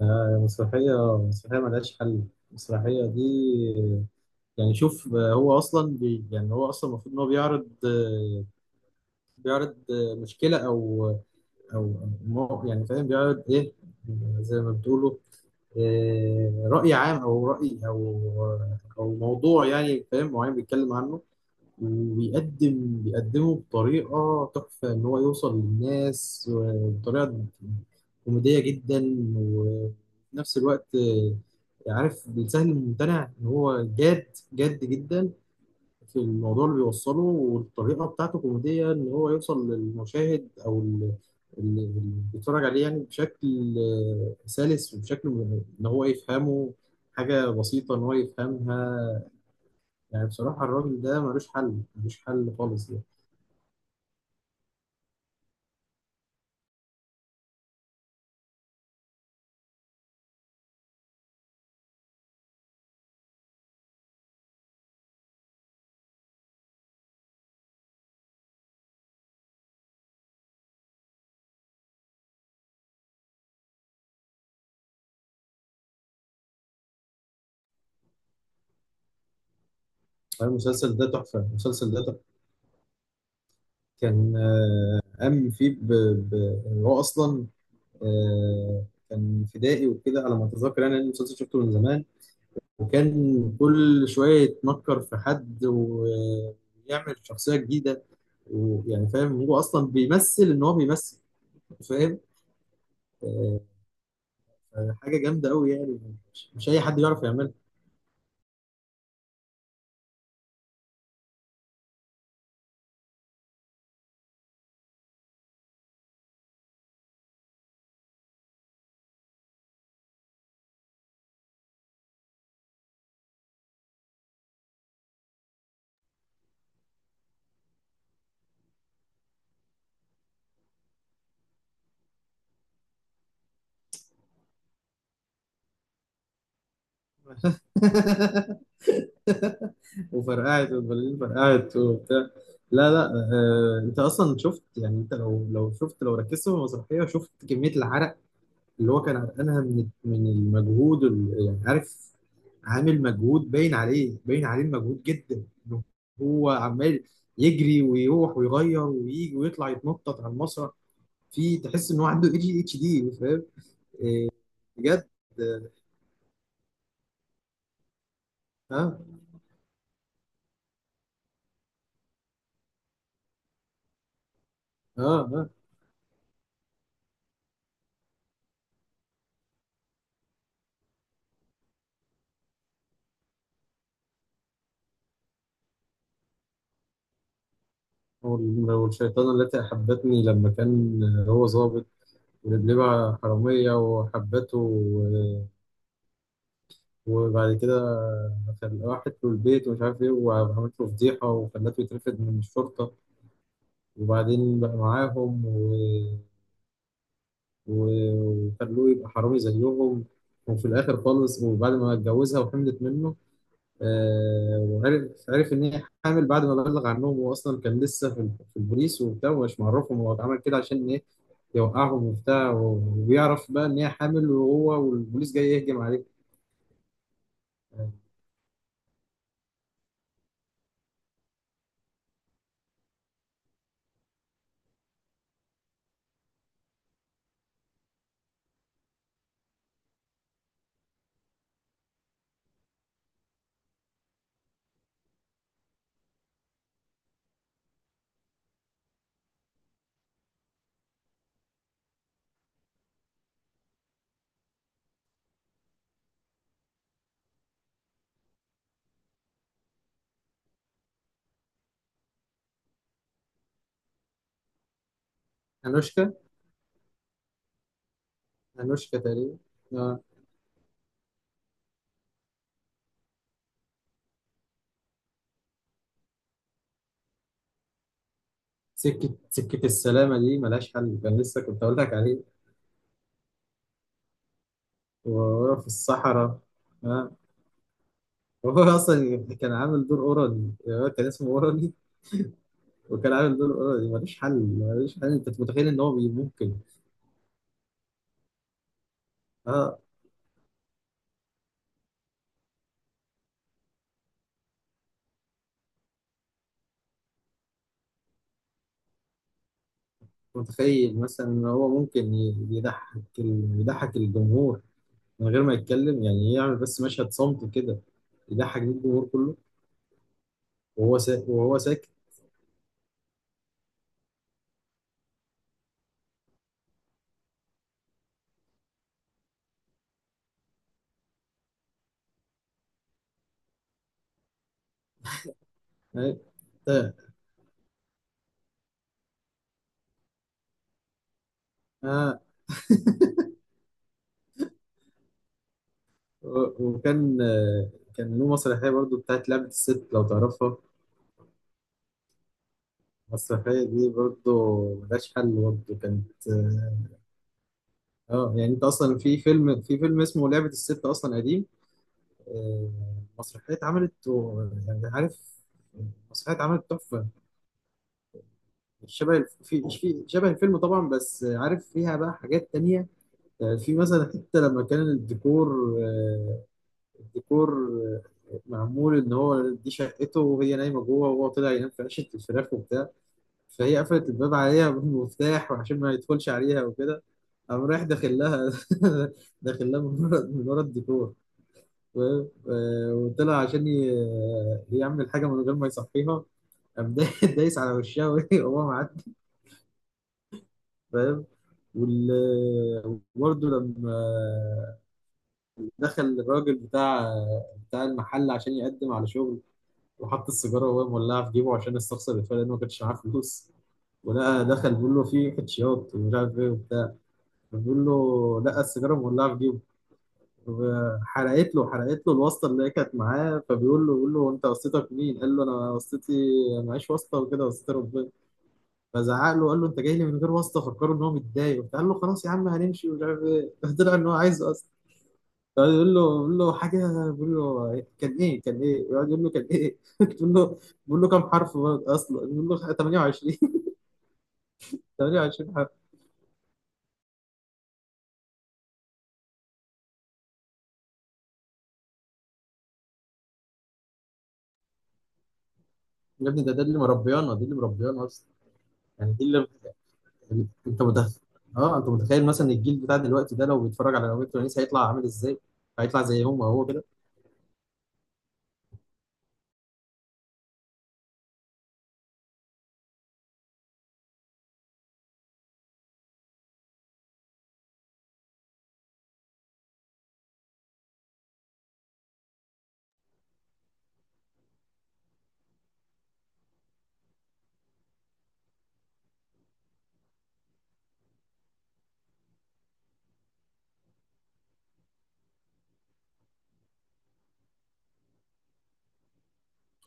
مسرحية مسرحية ملهاش حل. المسرحية دي. يعني شوف، هو أصلا بي يعني هو أصلا المفروض إن هو بيعرض مشكلة أو يعني فاهم بيعرض إيه، زي ما بتقولوا، رأي عام أو رأي أو أو موضوع يعني فاهم معين بيتكلم عنه، وبيقدم بيقدمه بطريقة تحفة إن هو يوصل للناس بطريقة كوميدية جدا، وفي نفس الوقت عارف بيسهل الممتنع، إن هو جاد جاد جدا في الموضوع اللي بيوصله، والطريقة بتاعته كوميدية إن هو يوصل للمشاهد أو اللي بيتفرج عليه يعني بشكل سلس وبشكل إن هو يفهمه حاجة بسيطة إن هو يفهمها. يعني بصراحة الراجل ده ملوش حل، ملوش حل خالص يعني. المسلسل ده تحفة، المسلسل ده تحفة. كان قام فيه ب... يعني هو أصلا كان فدائي وكده على ما أتذكر، يعني أنا المسلسل شفته من زمان، وكان كل شوية يتنكر في حد ويعمل شخصية جديدة، ويعني فاهم هو أصلا بيمثل إن هو بيمثل، فاهم. آه، حاجة جامدة أوي يعني. مش أي حد يعرف يعملها. وفرقعت، والبلالين فرقعت وبتاع. لا، لا، انت اصلا شفت، يعني انت لو شفت، لو ركزت في المسرحيه شفت كميه العرق اللي هو كان عرقانها من المجهود، يعني عارف، عامل مجهود باين عليه، باين عليه المجهود جدا، إنه هو عمال يجري ويروح ويغير ويجي ويطلع يتنطط على المسرح، في تحس ان هو عنده اي جي اتش دي، فاهم. بجد. اه، اه، اه. والشيطانه التي احبتني، لما كان هو ظابط بلبة حرامية وحبته وبعد كده راحت له البيت ومش عارف إيه، وعملت له فضيحة وخلته يترفد من الشرطة، وبعدين بقى معاهم وخلوه يبقى حرامي زيهم، وفي الآخر خالص، وبعد ما اتجوزها وحملت منه، وعرف عرف إن هي حامل. بعد ما بلغ عنهم، هو أصلا كان لسه في في البوليس وبتاع، ومش معرفهم هو اتعمل كده عشان إيه، يوقعهم وبتاع، وبيعرف بقى ان هي حامل وهو والبوليس جاي يهجم عليه. أنوشكا، أنوشكا تقريبا. آه. سكة السلامة دي ملهاش حل، كان لسه كنت أقول لك عليه، وهو في الصحراء. آه. وهو أصلا كان عامل دور أورالي، كان اسمه أورالي، وكان عامل دور أورالي ملوش حل، ملوش حل. أنت متخيل إن هو ممكن، آه متخيل مثلا إن هو ممكن يضحك يضحك الجمهور من غير ما يتكلم، يعني يعمل بس مشهد صمت كده، يضحك بيه الجمهور كله، وهو ساكت. آه. وكان كان له مسرحية برضو بتاعت لعبة الست، لو تعرفها، المسرحية دي برضو ملهاش حل، برضو كانت. اه، يعني انت اصلا في فيلم، في فيلم اسمه لعبة الست اصلا قديم، آه، مسرحية اتعملت يعني عارف، مسرحية اتعملت تحفة، مش في شبه الفيلم طبعا، بس عارف فيها بقى حاجات تانية. في مثلا حتة لما كان الديكور معمول ان هو دي شقته، وهي نايمه جوه، وهو طلع ينام في عشه الفراخ وبتاع، فهي قفلت الباب عليها بالمفتاح وعشان ما يدخلش عليها وكده، قام رايح داخل لها. داخل لها من ورا الديكور، و- وطلع عشان يعمل حاجه من غير ما يصحيها، قام دايس على وشها وهو معدي، فاهم. وبرضه لما دخل الراجل بتاع المحل عشان يقدم على شغل، وحط السيجاره وهو مولعه في جيبه عشان يستخسر الفرق لانه ما كانش معاه فلوس، ولقى دخل بيقول له في كاتشيات ومش عارف ايه وبتاع، فبيقول له لقى السيجاره مولعه في جيبه، حرقت له، حرقت له الواسطه اللي هي كانت معاه، فبيقول له انت واسطتك مين؟ قال له انا واسطتي معيش واسطه وكده، واسطتي ربنا، فزعق له، قال له انت جاي لي من غير واسطه، فكره ان هو متضايق وبتاع. قال له خلاص يا عم هنمشي ومش عارف ايه، طلع ان هو عايز واسطه، يقعد يقول له يقول له حاجه، بيقول له كان ايه، كان ايه، يقعد يقول له كان ايه، بيقول له كام حرف اصلا، بيقول له 28، 28 حرف. يا ابني، ده اللي مربيانا، دي اللي مربيانا اصلا. يعني دي اللي انت متخيل. اه انت متخيل مثلا الجيل بتاع دلوقتي ده لو بيتفرج على نوادي تونس هيطلع عامل ازاي، هيطلع زيهم وهو كده.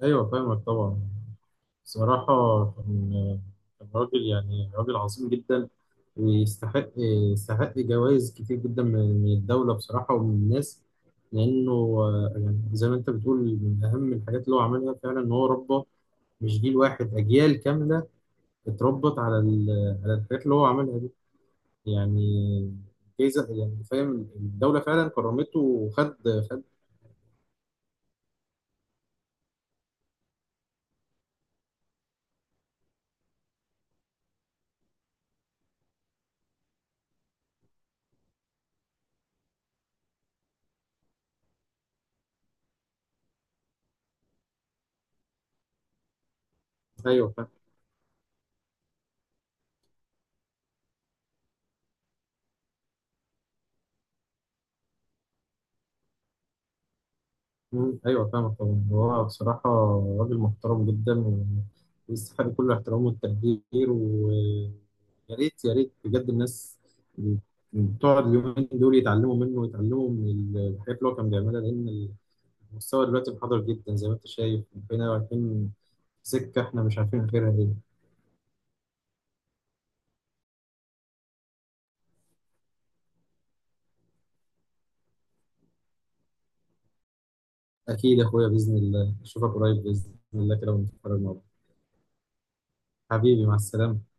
ايوه فاهمك طبعا، بصراحه كان راجل يعني، راجل عظيم جدا، ويستحق جوائز كتير جدا من الدولة بصراحة، ومن الناس، لأنه يعني زي ما أنت بتقول، من أهم الحاجات اللي هو عملها فعلا إن هو ربى مش جيل واحد، أجيال كاملة اتربت على على الحاجات اللي هو عملها دي، يعني جايزة، يعني فاهم، الدولة فعلا كرمته وخد. خد. أيوه. مم. ايوه فاهمك طبعا. هو بصراحه راجل محترم جدا ويستحق كل الاحترام والتقدير، ويا ريت، يا ريت بجد الناس تقعد اليومين دول يتعلموا منه، ويتعلموا من الحاجات اللي هو كان بيعملها، لان المستوى دلوقتي انحدر جدا، زي ما انت شايف بقينا رايحين في سكه احنا مش عارفين غيرها ايه. اكيد يا اخويا، باذن الله اشوفك قريب باذن الله كده، ونتفرج مع بعض. حبيبي مع السلامه.